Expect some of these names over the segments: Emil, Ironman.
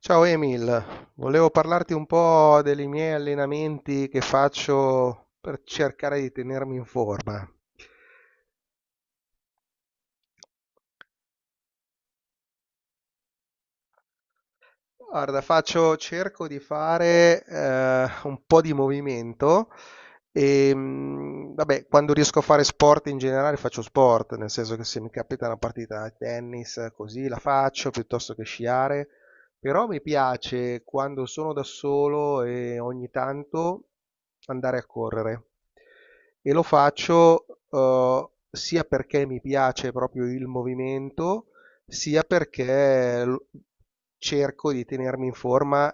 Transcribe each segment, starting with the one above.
Ciao Emil, volevo parlarti un po' dei miei allenamenti che faccio per cercare di tenermi in forma. Guarda, faccio cerco di fare, un po' di movimento, vabbè, quando riesco a fare sport in generale faccio sport, nel senso che se mi capita una partita a tennis, così la faccio, piuttosto che sciare, però mi piace quando sono da solo e ogni tanto andare a correre. E lo faccio, sia perché mi piace proprio il movimento, sia cerco di tenermi in forma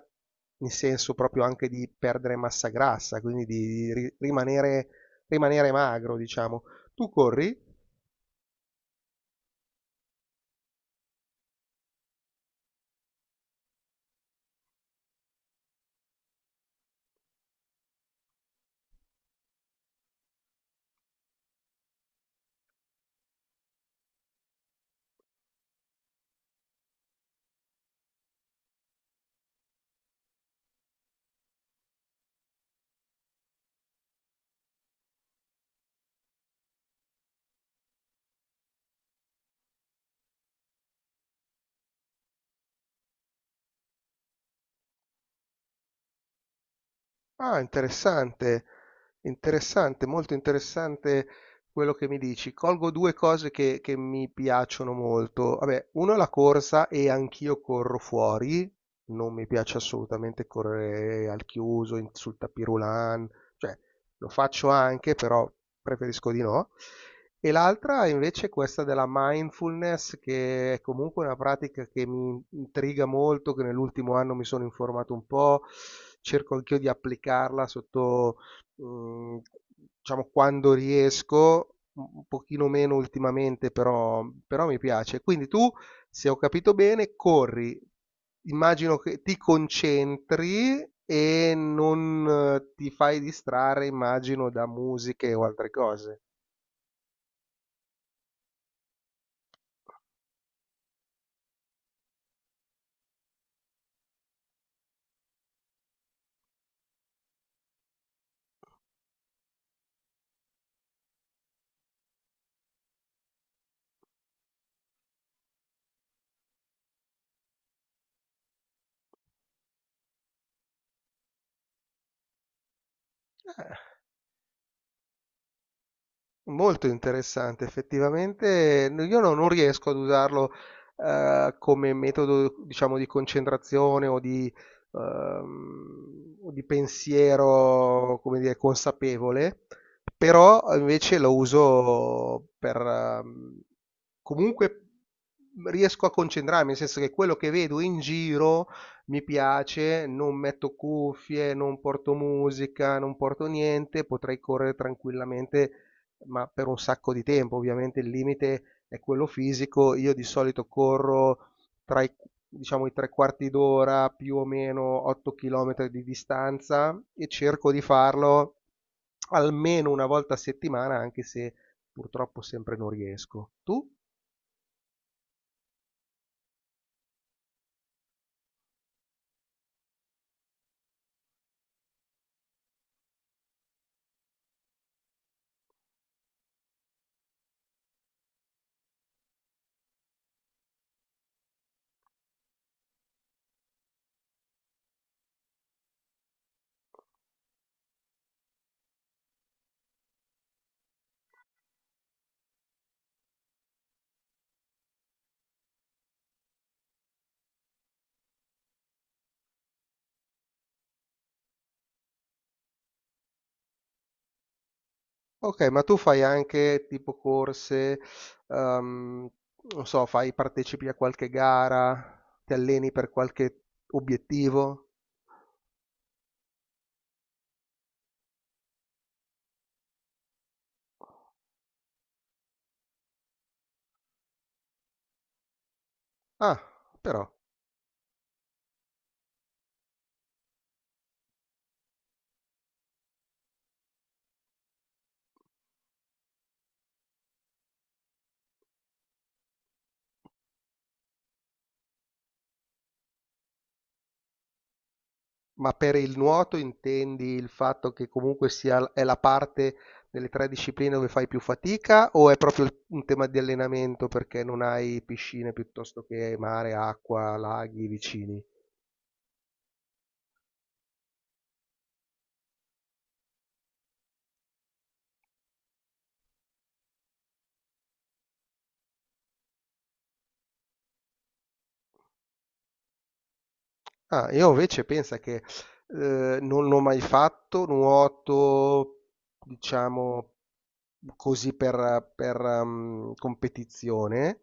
in senso proprio anche di perdere massa grassa, quindi di rimanere, rimanere magro, diciamo. Tu corri? Ah, interessante, interessante, molto interessante quello che mi dici. Colgo due cose che mi piacciono molto. Vabbè, uno è la corsa e anch'io corro fuori. Non mi piace assolutamente correre al chiuso, sul tapis roulant, cioè lo faccio anche, però preferisco di no. E l'altra invece è questa della mindfulness, che è comunque una pratica che mi intriga molto, che nell'ultimo anno mi sono informato un po', cerco anch'io di applicarla sotto, mm, diciamo, quando riesco, un pochino meno ultimamente, però, però mi piace. Quindi tu, se ho capito bene, corri. Immagino che ti concentri e non ti fai distrarre, immagino, da musiche o altre cose. Eh, Molto interessante, effettivamente io non riesco ad usarlo come metodo, diciamo, di concentrazione o di pensiero, come dire, consapevole, però invece lo uso per, comunque riesco a concentrarmi, nel senso che quello che vedo in giro mi piace, non metto cuffie, non porto musica, non porto niente, potrei correre tranquillamente ma per un sacco di tempo. Ovviamente il limite è quello fisico. Io di solito corro tra i, diciamo, i tre quarti d'ora, più o meno 8 km di distanza e cerco di farlo almeno una volta a settimana, anche se purtroppo sempre non riesco. Tu? Ok, ma tu fai anche tipo corse, ehm, non so, partecipi a qualche gara, ti alleni per qualche obiettivo? Ah, però. Ma per il nuoto intendi il fatto che comunque sia è la parte delle 3 discipline dove fai più fatica o è proprio un tema di allenamento perché non hai piscine piuttosto che mare, acqua, laghi vicini? Ah, io invece pensa che non l'ho mai fatto, nuoto, diciamo, così per competizione,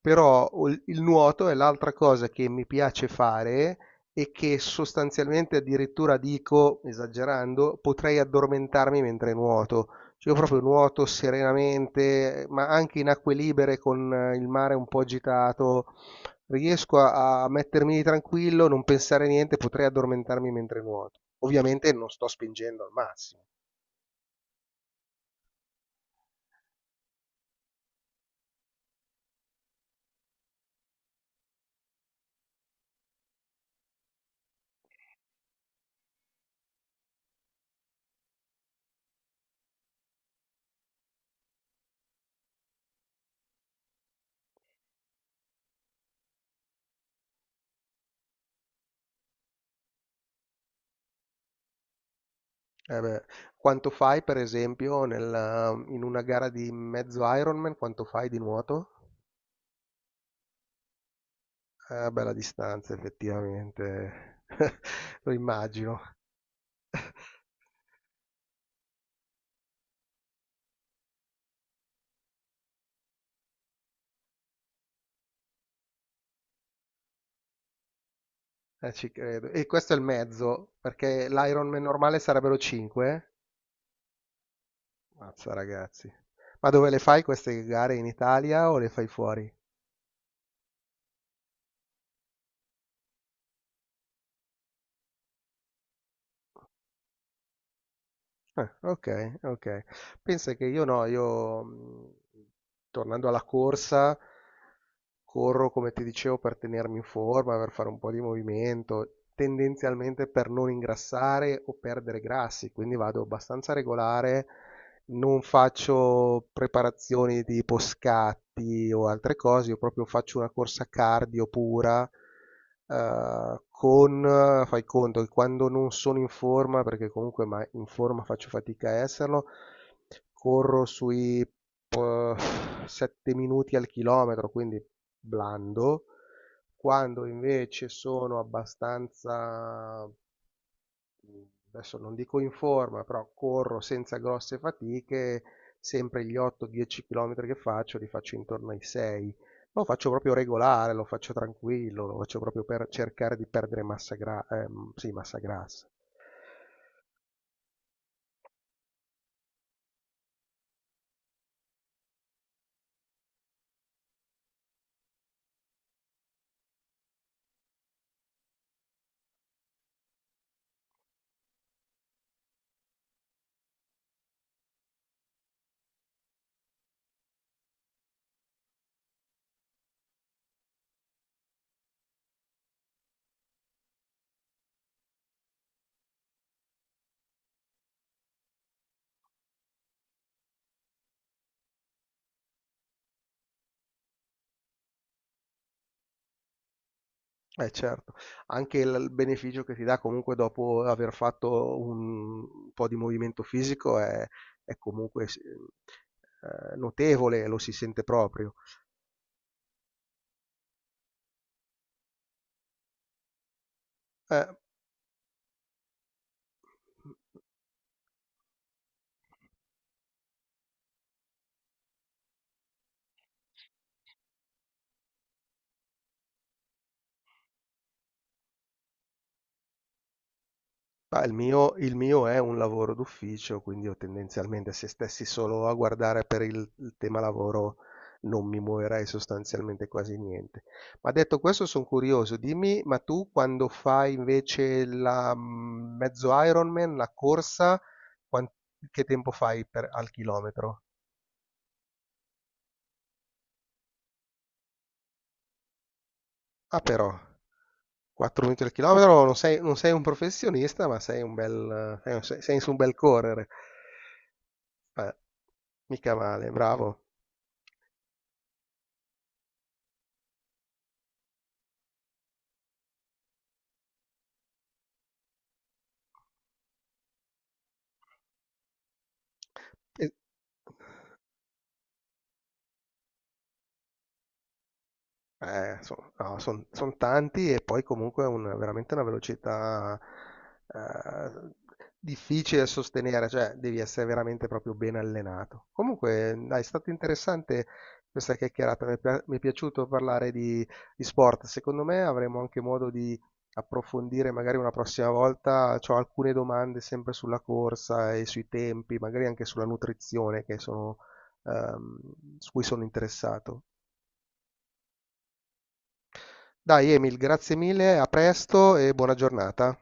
però il nuoto è l'altra cosa che mi piace fare e che sostanzialmente addirittura dico, esagerando, potrei addormentarmi mentre nuoto. Cioè, io proprio nuoto serenamente, ma anche in acque libere con il mare un po' agitato. Riesco a mettermi tranquillo, non pensare a niente, potrei addormentarmi mentre nuoto. Ovviamente non sto spingendo al massimo. Eh beh, quanto fai, per esempio, in una gara di mezzo Ironman, quanto fai di nuoto? Bella distanza, effettivamente. Lo immagino. Ci credo. E questo è il mezzo, perché l'Ironman normale sarebbero 5. Mazza, ragazzi. Ma dove le fai queste gare? In Italia o le fai fuori? Ah, okay, okay. Pensa che io no, io, tornando alla corsa, corro come ti dicevo per tenermi in forma, per fare un po' di movimento, tendenzialmente per non ingrassare o perdere grassi, quindi vado abbastanza regolare, non faccio preparazioni tipo scatti o altre cose, io proprio faccio una corsa cardio pura, fai conto che quando non sono in forma, perché comunque ma in forma faccio fatica a esserlo, corro sui 7 minuti al chilometro, quindi blando. Quando invece sono abbastanza mhmm, adesso non dico in forma, però corro senza grosse fatiche, sempre gli 8, 10 chilometri che faccio li faccio intorno ai 6. Lo faccio proprio regolare, lo faccio tranquillo, lo faccio proprio per cercare di perdere massa gra sì, massa grassa. Eh certo, anche il beneficio che ti dà comunque dopo aver fatto un po' di movimento fisico è comunque s notevole, lo si sente proprio. Eh. Ma il mio è un lavoro d'ufficio, quindi io tendenzialmente se stessi solo a guardare per il tema lavoro non mi muoverei sostanzialmente quasi niente. Ma detto questo sono curioso, dimmi, ma tu quando fai invece la mezzo Ironman, la corsa, quan- che tempo fai al chilometro? Ah però, 4 minuti al chilometro, non sei un professionista, ma sei su un bel correre. Beh, mica male, bravo. Sono no, son tanti e poi comunque è veramente una velocità eh, difficile da sostenere, cioè devi essere veramente proprio ben allenato. Comunque, dai, è stato interessante questa chiacchierata, mi è piaciuto parlare di sport. Secondo me avremo anche modo di approfondire magari una prossima volta. Ho alcune domande sempre sulla corsa e sui tempi, magari anche sulla nutrizione che sono, ehm, su cui sono interessato. Dai Emil, grazie mille, a presto e buona giornata.